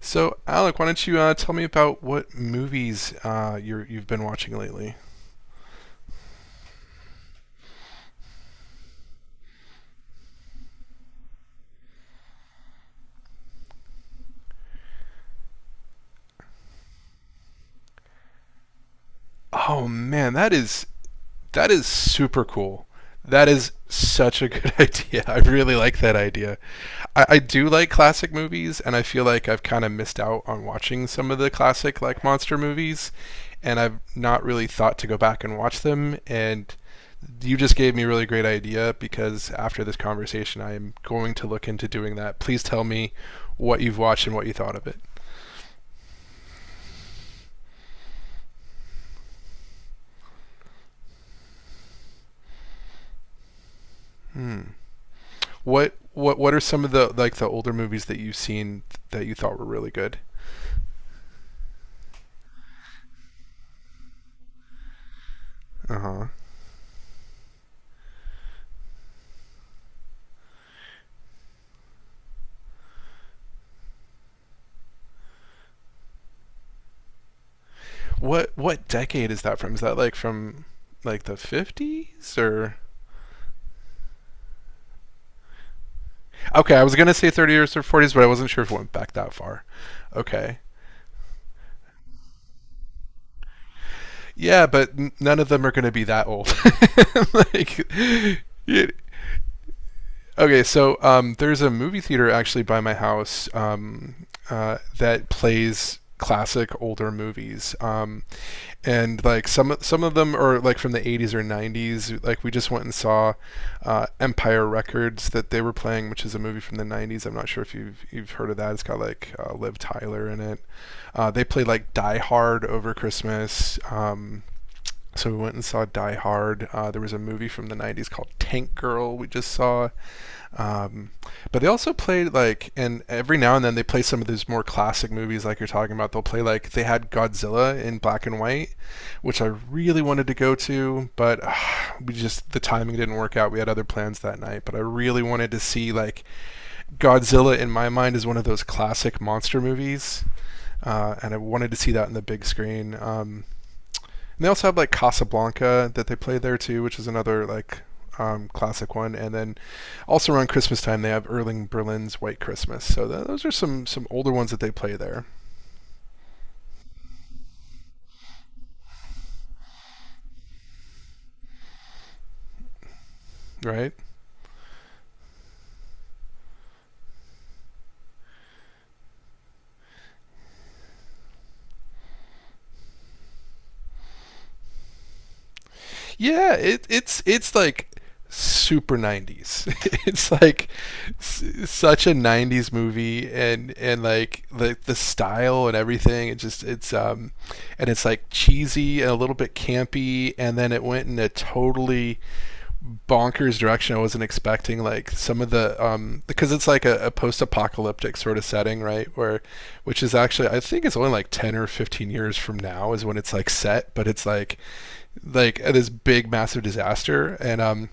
So, Alec, why don't you tell me about what movies you've been watching lately? Oh man, that is super cool. That is such a good idea. I really like that idea. I do like classic movies, and I feel like I've kind of missed out on watching some of the classic like monster movies, and I've not really thought to go back and watch them. And you just gave me a really great idea because after this conversation, I am going to look into doing that. Please tell me what you've watched and what you thought of it. Hmm. What are some of the like the older movies that you've seen that you thought were really good? Uh huh. What decade is that from? Is that like from like the 50s or okay, I was going to say 30 years or 40s, but I wasn't sure if it went back that far. Okay. Yeah, but none of them are going to be that old. like you, Okay, so there's a movie theater actually by my house, that plays classic older movies, and like some of them are like from the 80s or 90s. Like we just went and saw Empire Records that they were playing, which is a movie from the 90s. I'm not sure if you've heard of that. It's got like Liv Tyler in it. They played like Die Hard over Christmas. So we went and saw Die Hard. There was a movie from the 90s called Tank Girl we just saw. Um, but they also played like, and every now and then they play some of those more classic movies like you're talking about. They'll play like, they had Godzilla in black and white, which I really wanted to go to, but the timing didn't work out. We had other plans that night, but I really wanted to see like Godzilla in my mind is one of those classic monster movies. And I wanted to see that in the big screen. And they also have like Casablanca that they play there too, which is another like classic one. And then also around Christmas time, they have Erling Berlin's White Christmas. So those are some older ones that they play there, right? Yeah, it's like super 90s, it's like such a 90s movie, and like the style and everything, it just it's um, and it's like cheesy and a little bit campy, and then it went in a totally bonkers direction I wasn't expecting. Like some of the because it's like a post-apocalyptic sort of setting, right? Where, which is actually I think it's only like 10 or 15 years from now is when it's like set, but it's like this big massive disaster, and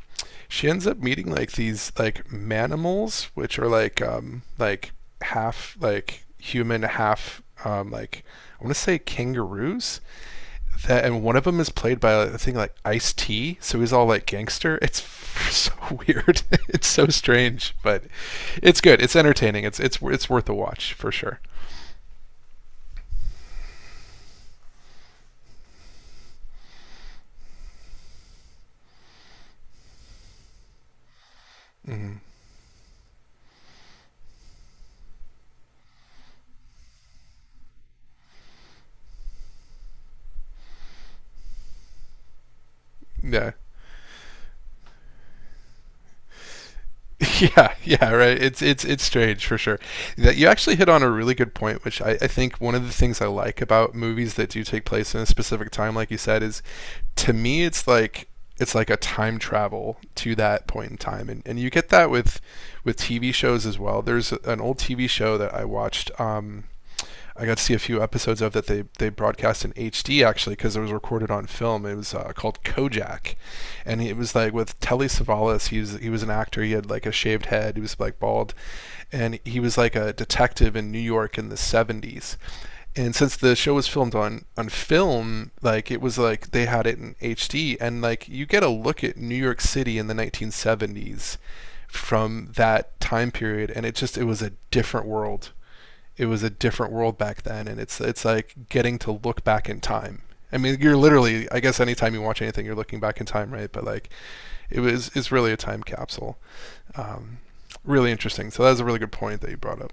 she ends up meeting like these like manimals, which are like half like human, half like I want to say kangaroos that, and one of them is played by a thing like Ice T, so he's all like gangster. It's so weird. it's so strange, but it's good. It's entertaining. It's worth a watch for sure. Yeah. Yeah, right. It's strange for sure. That you actually hit on a really good point, which I think one of the things I like about movies that do take place in a specific time, like you said, is to me it's like a time travel to that point in time, and you get that with TV shows as well. There's an old TV show that I watched, I got to see a few episodes of that. They they, broadcast in HD, actually, because it was recorded on film. It was called Kojak, and it was like with Telly Savalas. He was an actor. He had like a shaved head. He was like bald, and he was like a detective in New York in the 70s. And since the show was filmed on film, like it was like they had it in HD, and like you get a look at New York City in the 1970s from that time period, and it just it was a different world. It was a different world back then, and it's like getting to look back in time. I mean, you're literally, I guess, anytime you watch anything, you're looking back in time, right? But like it was, it's really a time capsule. Um, really interesting. So that was a really good point that you brought up.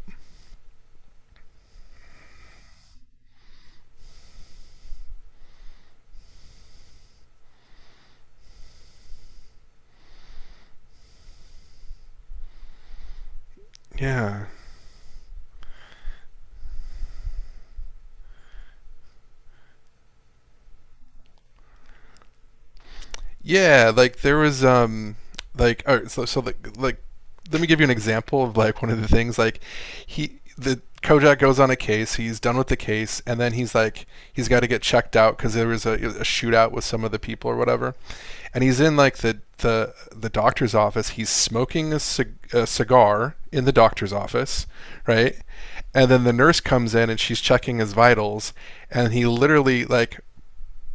Yeah. Yeah, like there was um, so so like let me give you an example of like one of the things like he, the Kojak goes on a case, he's done with the case, and then he's like he's got to get checked out because there was a shootout with some of the people or whatever, and he's in like the doctor's office. He's smoking a cigar in the doctor's office, right? And then the nurse comes in and she's checking his vitals, and he literally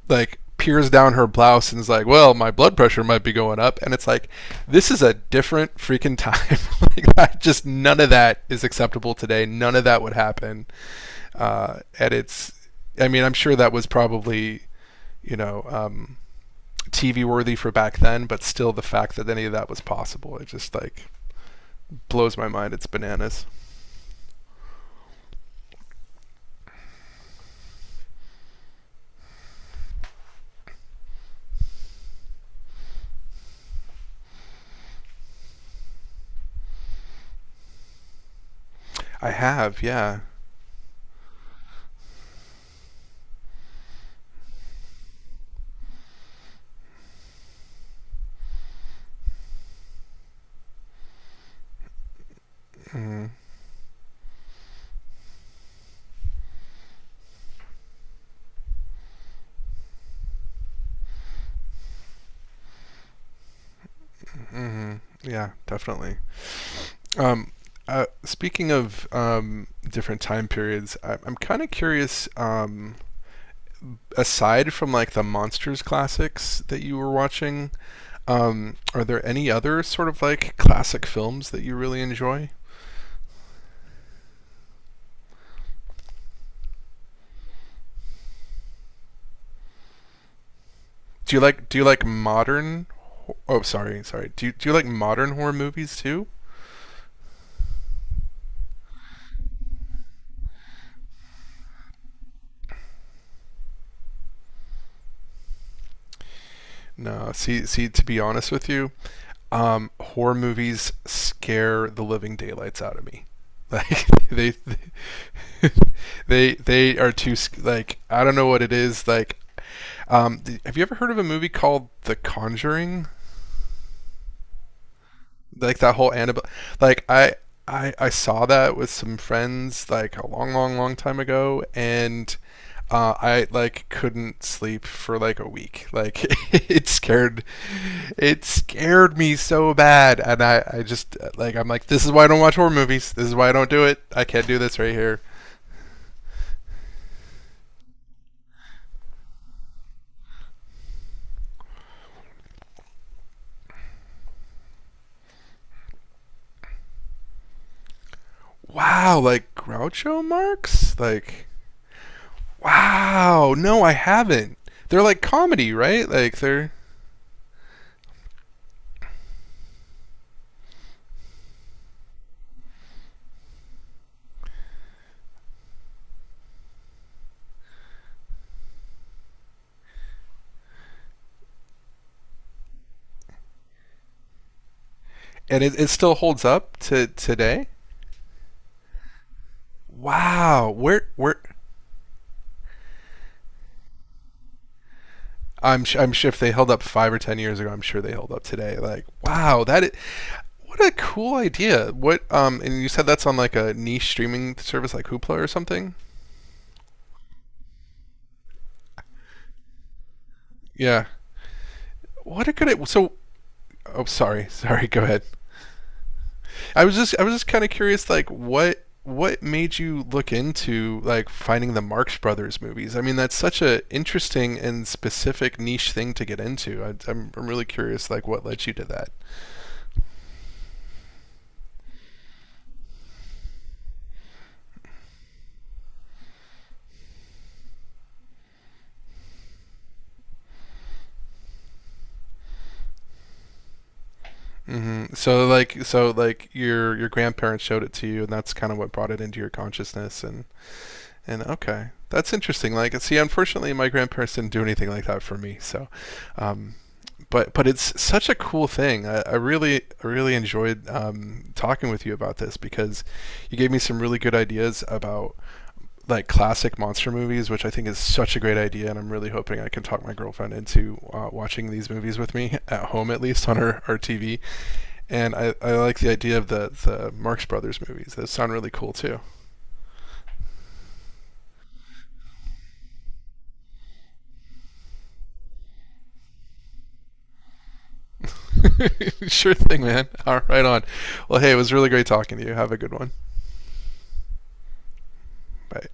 like peers down her blouse and is like, "Well, my blood pressure might be going up," and it's like, this is a different freaking time. Like, that, just none of that is acceptable today. None of that would happen. And it's, I mean, I'm sure that was probably, you know, TV worthy for back then, but still, the fact that any of that was possible, it just like blows my mind. It's bananas. I have, yeah. Hmm. Yeah, definitely. Um, Speaking of different time periods, I'm kind of curious. Aside from like the monsters classics that you were watching, are there any other sort of like classic films that you really enjoy? Do you like modern? Oh, sorry, sorry. Do you like modern horror movies too? No, see, to be honest with you, horror movies scare the living daylights out of me. Like they, they, they are too like, I don't know what it is. Like, have you ever heard of a movie called The Conjuring? Like that whole Annabelle. Like I, I saw that with some friends like a long, long, long time ago, and I like couldn't sleep for like a week. Like, it scared, it scared me so bad, and I just like, I'm like, this is why I don't watch horror movies. This is why I don't do it. I can't do this right here. Wow, like Groucho Marx, like wow. No, I haven't. They're like comedy, right? Like they're, and it still holds up to today. Wow, where I'm sure if they held up 5 or 10 years ago, I'm sure they held up today. Like wow, that is, what a cool idea. What and you said that's on like a niche streaming service like Hoopla or something. Yeah, what a good I- so. Oh, sorry, sorry. Go ahead. I was just kind of curious, like what made you look into like finding the Marx Brothers movies? I mean, that's such a interesting and specific niche thing to get into. I'm really curious, like what led you to that. Mm-hmm. So like your grandparents showed it to you, and that's kind of what brought it into your consciousness. And okay, that's interesting. Like see, unfortunately, my grandparents didn't do anything like that for me. So, um, but it's such a cool thing. I really enjoyed talking with you about this because you gave me some really good ideas about like classic monster movies, which I think is such a great idea, and I'm really hoping I can talk my girlfriend into watching these movies with me at home, at least on her TV. And I like the idea of the Marx Brothers movies. Those sound really cool too. Sure thing, man. All right, right on. Well, hey, it was really great talking to you. Have a good one. Bye.